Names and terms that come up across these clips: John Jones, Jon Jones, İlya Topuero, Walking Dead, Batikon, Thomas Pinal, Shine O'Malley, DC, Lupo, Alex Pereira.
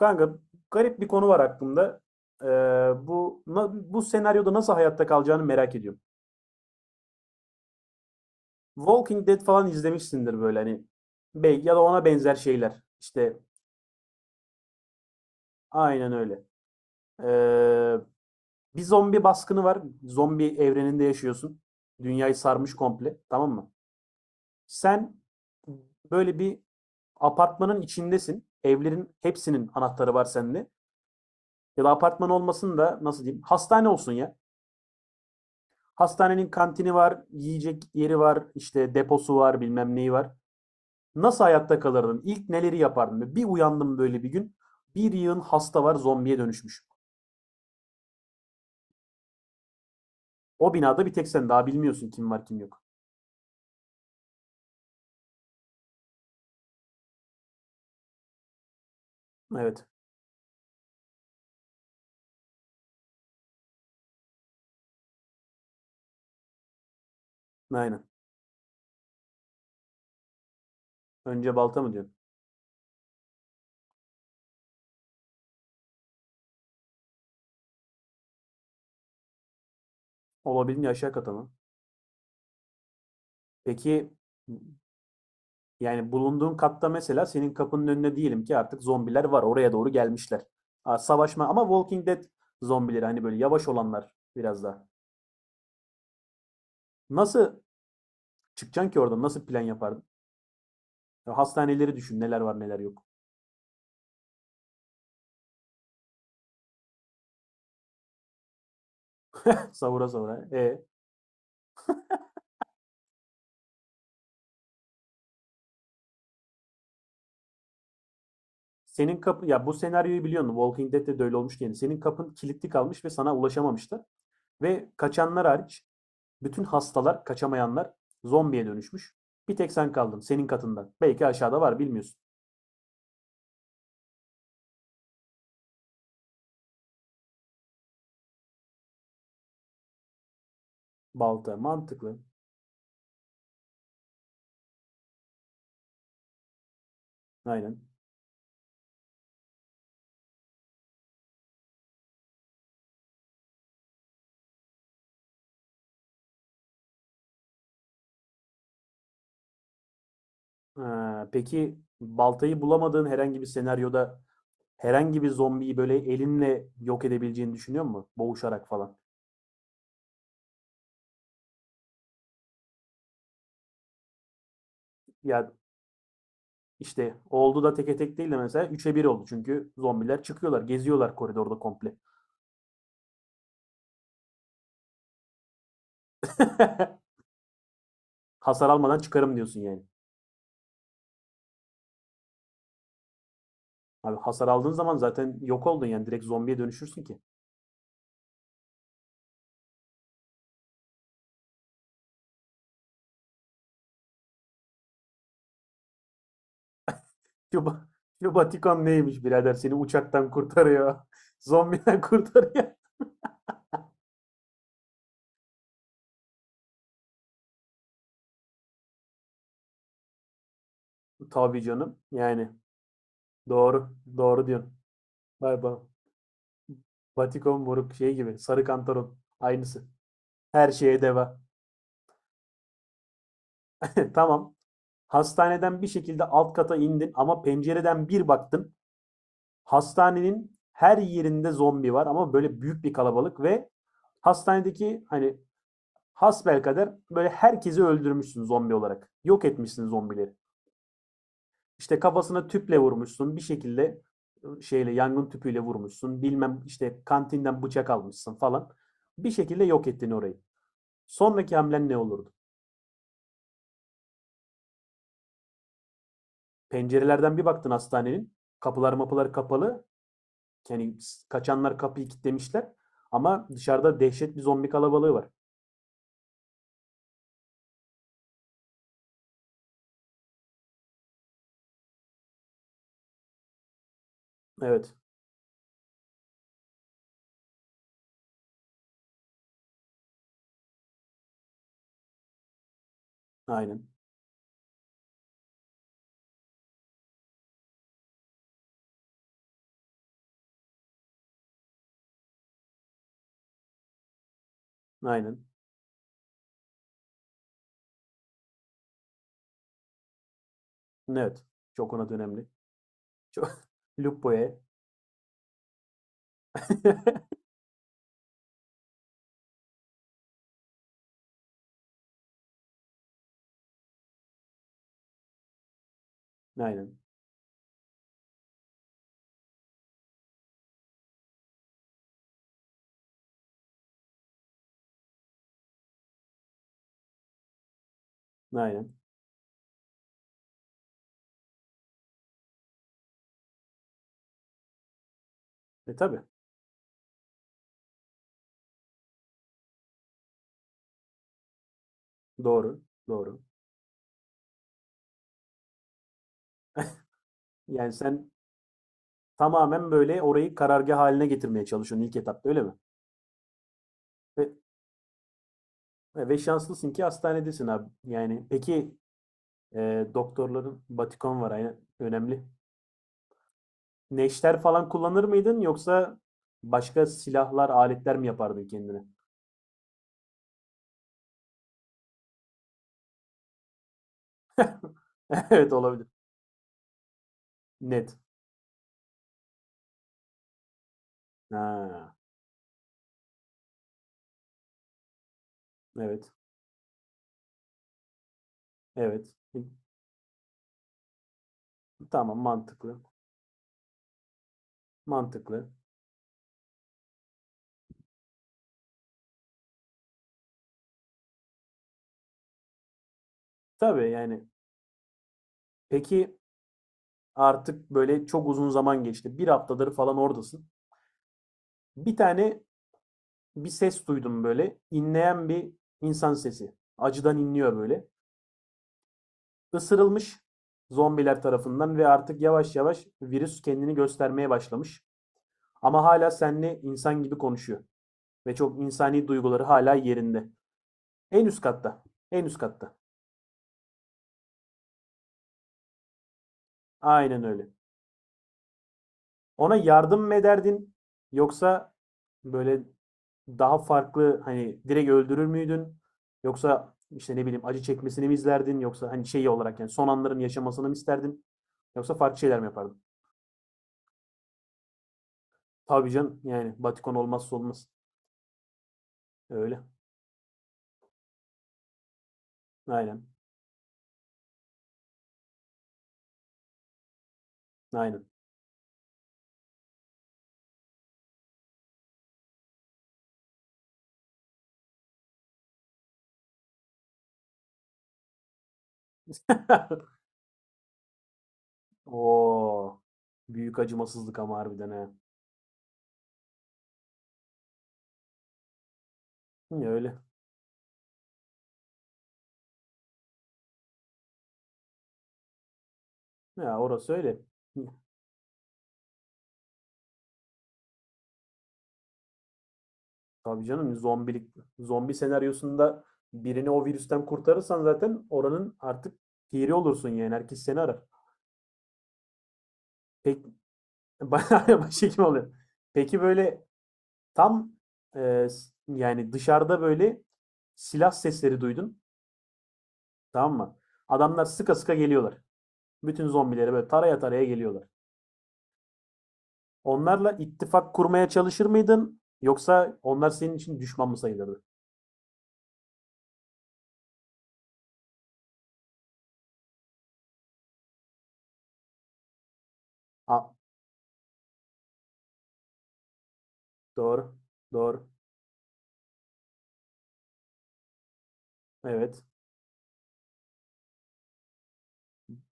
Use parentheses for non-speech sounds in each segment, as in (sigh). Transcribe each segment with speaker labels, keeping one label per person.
Speaker 1: Kanka garip bir konu var aklımda. Ee, bu senaryoda nasıl hayatta kalacağını merak ediyorum. Walking Dead falan izlemişsindir böyle hani belki ya da ona benzer şeyler. İşte aynen öyle. Ee, bir zombi baskını var. Zombi evreninde yaşıyorsun. Dünyayı sarmış komple, tamam mı? Sen böyle bir apartmanın içindesin. Evlerin hepsinin anahtarı var sende. Ya da apartman olmasın da nasıl diyeyim? Hastane olsun ya. Hastanenin kantini var, yiyecek yeri var, işte deposu var, bilmem neyi var. Nasıl hayatta kalırdın? İlk neleri yapardın? Bir uyandım böyle bir gün. Bir yığın hasta var, zombiye dönüşmüş. O binada bir tek sen daha bilmiyorsun kim var kim yok. Evet, aynen. Önce balta mı diyorsun? Olabildiğince aşağı kata mı? Peki yani bulunduğun katta mesela senin kapının önüne diyelim ki artık zombiler var. Oraya doğru gelmişler. Aa, savaşma ama Walking Dead zombileri hani böyle yavaş olanlar biraz daha. Nasıl çıkacaksın ki oradan? Nasıl plan yapardın? Hastaneleri düşün neler var neler yok. (laughs) Savura savura. Senin kapı ya bu senaryoyu biliyorsun. Walking Dead'de de öyle olmuş yani. Senin kapın kilitli kalmış ve sana ulaşamamışlar. Ve kaçanlar hariç bütün hastalar, kaçamayanlar zombiye dönüşmüş. Bir tek sen kaldın senin katından. Belki aşağıda var bilmiyorsun. Balta mantıklı. Aynen. Ha, peki baltayı bulamadığın herhangi bir senaryoda herhangi bir zombiyi böyle elinle yok edebileceğini düşünüyor musun? Boğuşarak falan. Ya İşte oldu da teke tek değil de mesela üç'e bir oldu. Çünkü zombiler çıkıyorlar, geziyorlar koridorda komple. (laughs) Hasar almadan çıkarım diyorsun yani. Abi hasar aldığın zaman zaten yok oldun yani direkt zombiye dönüşürsün ki. Şu, (laughs) neymiş birader seni uçaktan kurtarıyor. (laughs) Zombiden kurtarıyor. (laughs) Tabii canım. Yani doğru. Doğru diyorsun. Bay bay. Batikon moruk şey gibi. Sarı kantaron. Aynısı. Her şeye deva. (laughs) Tamam. Hastaneden bir şekilde alt kata indin ama pencereden bir baktın. Hastanenin her yerinde zombi var ama böyle büyük bir kalabalık ve hastanedeki hani hasbelkader böyle herkesi öldürmüşsün zombi olarak. Yok etmişsin zombileri. İşte kafasına tüple vurmuşsun bir şekilde şeyle yangın tüpüyle vurmuşsun. Bilmem işte kantinden bıçak almışsın falan. Bir şekilde yok ettin orayı. Sonraki hamlen ne olurdu? Pencerelerden bir baktın hastanenin. Kapılar mapılar kapalı. Yani kaçanlar kapıyı kilitlemişler. Ama dışarıda dehşet bir zombi kalabalığı var. Evet. Aynen. Aynen. Evet. Çok ona önemli. Çok (laughs) Lupo'ya. (laughs) Aynen. Aynen. E tabii. Doğru. Doğru. Yani sen tamamen böyle orayı karargah haline getirmeye çalışıyorsun ilk etapta öyle mi? Ve, ve şanslısın ki hastanedesin abi. Yani peki doktorların Batikon var aynen. Önemli. Neşter falan kullanır mıydın yoksa başka silahlar, aletler mi yapardın kendine? (laughs) Evet olabilir. Net. Ha, evet. Evet. Tamam mantıklı. Mantıklı. Tabii, yani. Peki, artık, böyle, çok uzun zaman geçti. Bir haftadır falan oradasın. Bir tane bir ses duydum böyle, inleyen bir insan sesi. Acıdan inliyor, böyle. Isırılmış zombiler tarafından ve artık yavaş yavaş virüs kendini göstermeye başlamış. Ama hala seninle insan gibi konuşuyor ve çok insani duyguları hala yerinde. En üst katta, en üst katta. Aynen öyle. Ona yardım mı ederdin yoksa, böyle, daha farklı hani direkt öldürür müydün? Yoksa işte ne bileyim acı çekmesini mi izlerdin? Yoksa hani şeyi olarak yani son anların yaşamasını mı isterdin? Yoksa farklı şeyler mi yapardın? Tabii canım yani Batikon olmazsa olmaz. Öyle. Aynen. Aynen. (laughs) Oo. Büyük acımasızlık ama harbiden ha. Hı, öyle. Ya orası öyle. Hı, tabii canım zombilik zombi senaryosunda birini o virüsten kurtarırsan zaten oranın artık piri olursun yani herkes seni arar. Peki (laughs) bayağı başhekim oluyor. Peki böyle tam e, yani dışarıda böyle silah sesleri duydun. Tamam mı? Adamlar sıka sıka geliyorlar. Bütün zombileri böyle taraya taraya geliyorlar. Onlarla ittifak kurmaya çalışır mıydın? Yoksa onlar senin için düşman mı sayılırdı? Aa, doğru. Doğru. Evet.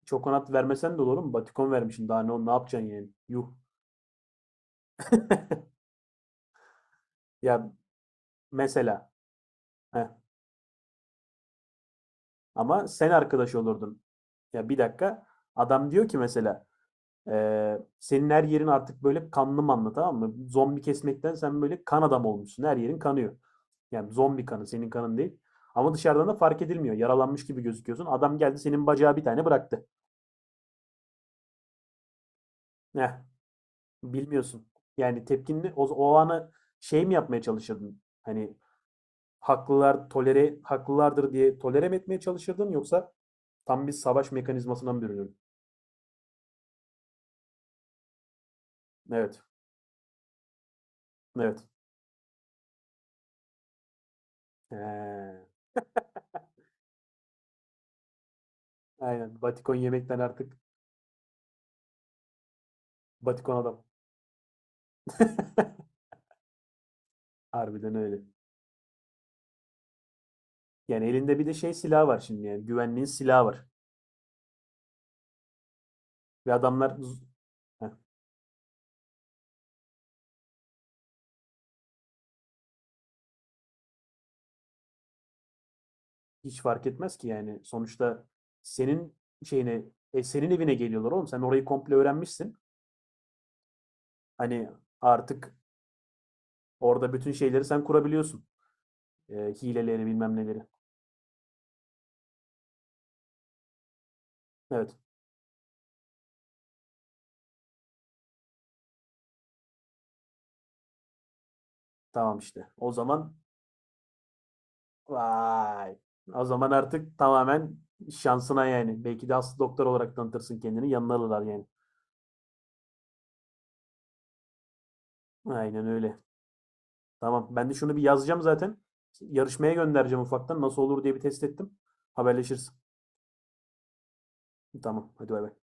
Speaker 1: Çokonat vermesen de olur mu? Batikon vermişsin. Daha ne yapacaksın yani? Yuh. Ya mesela. Heh. Ama sen arkadaş olurdun. Ya bir dakika. Adam diyor ki mesela senin her yerin artık böyle kanlı manlı tamam mı? Zombi kesmekten sen böyle kan adam olmuşsun. Her yerin kanıyor. Yani zombi kanı senin kanın değil. Ama dışarıdan da fark edilmiyor. Yaralanmış gibi gözüküyorsun. Adam geldi senin bacağı bir tane bıraktı. Heh, bilmiyorsun. Yani tepkinli o anı şey mi yapmaya çalışırdın? Hani haklılar tolere haklılardır diye tolere mi etmeye çalışırdın yoksa tam bir savaş mekanizmasına mı bürünürdün? Evet. Evet. Ee, aynen. Batikon yemekten artık Batikon adam. (laughs) Harbiden öyle. Yani elinde bir de şey silah var şimdi yani güvenliğin silahı var. Ve adamlar Heh, hiç fark etmez ki yani sonuçta senin şeyine senin evine geliyorlar oğlum. Sen orayı komple öğrenmişsin. Hani artık orada bütün şeyleri sen kurabiliyorsun. Hileleri bilmem neleri. Evet tamam işte. O zaman vay. O zaman artık tamamen şansına yani. Belki de aslı doktor olarak tanıtırsın kendini. Yanına alırlar yani. Aynen öyle. Tamam. Ben de şunu bir yazacağım zaten. Yarışmaya göndereceğim ufaktan. Nasıl olur diye bir test ettim. Haberleşiriz. Tamam. Hadi bay bay.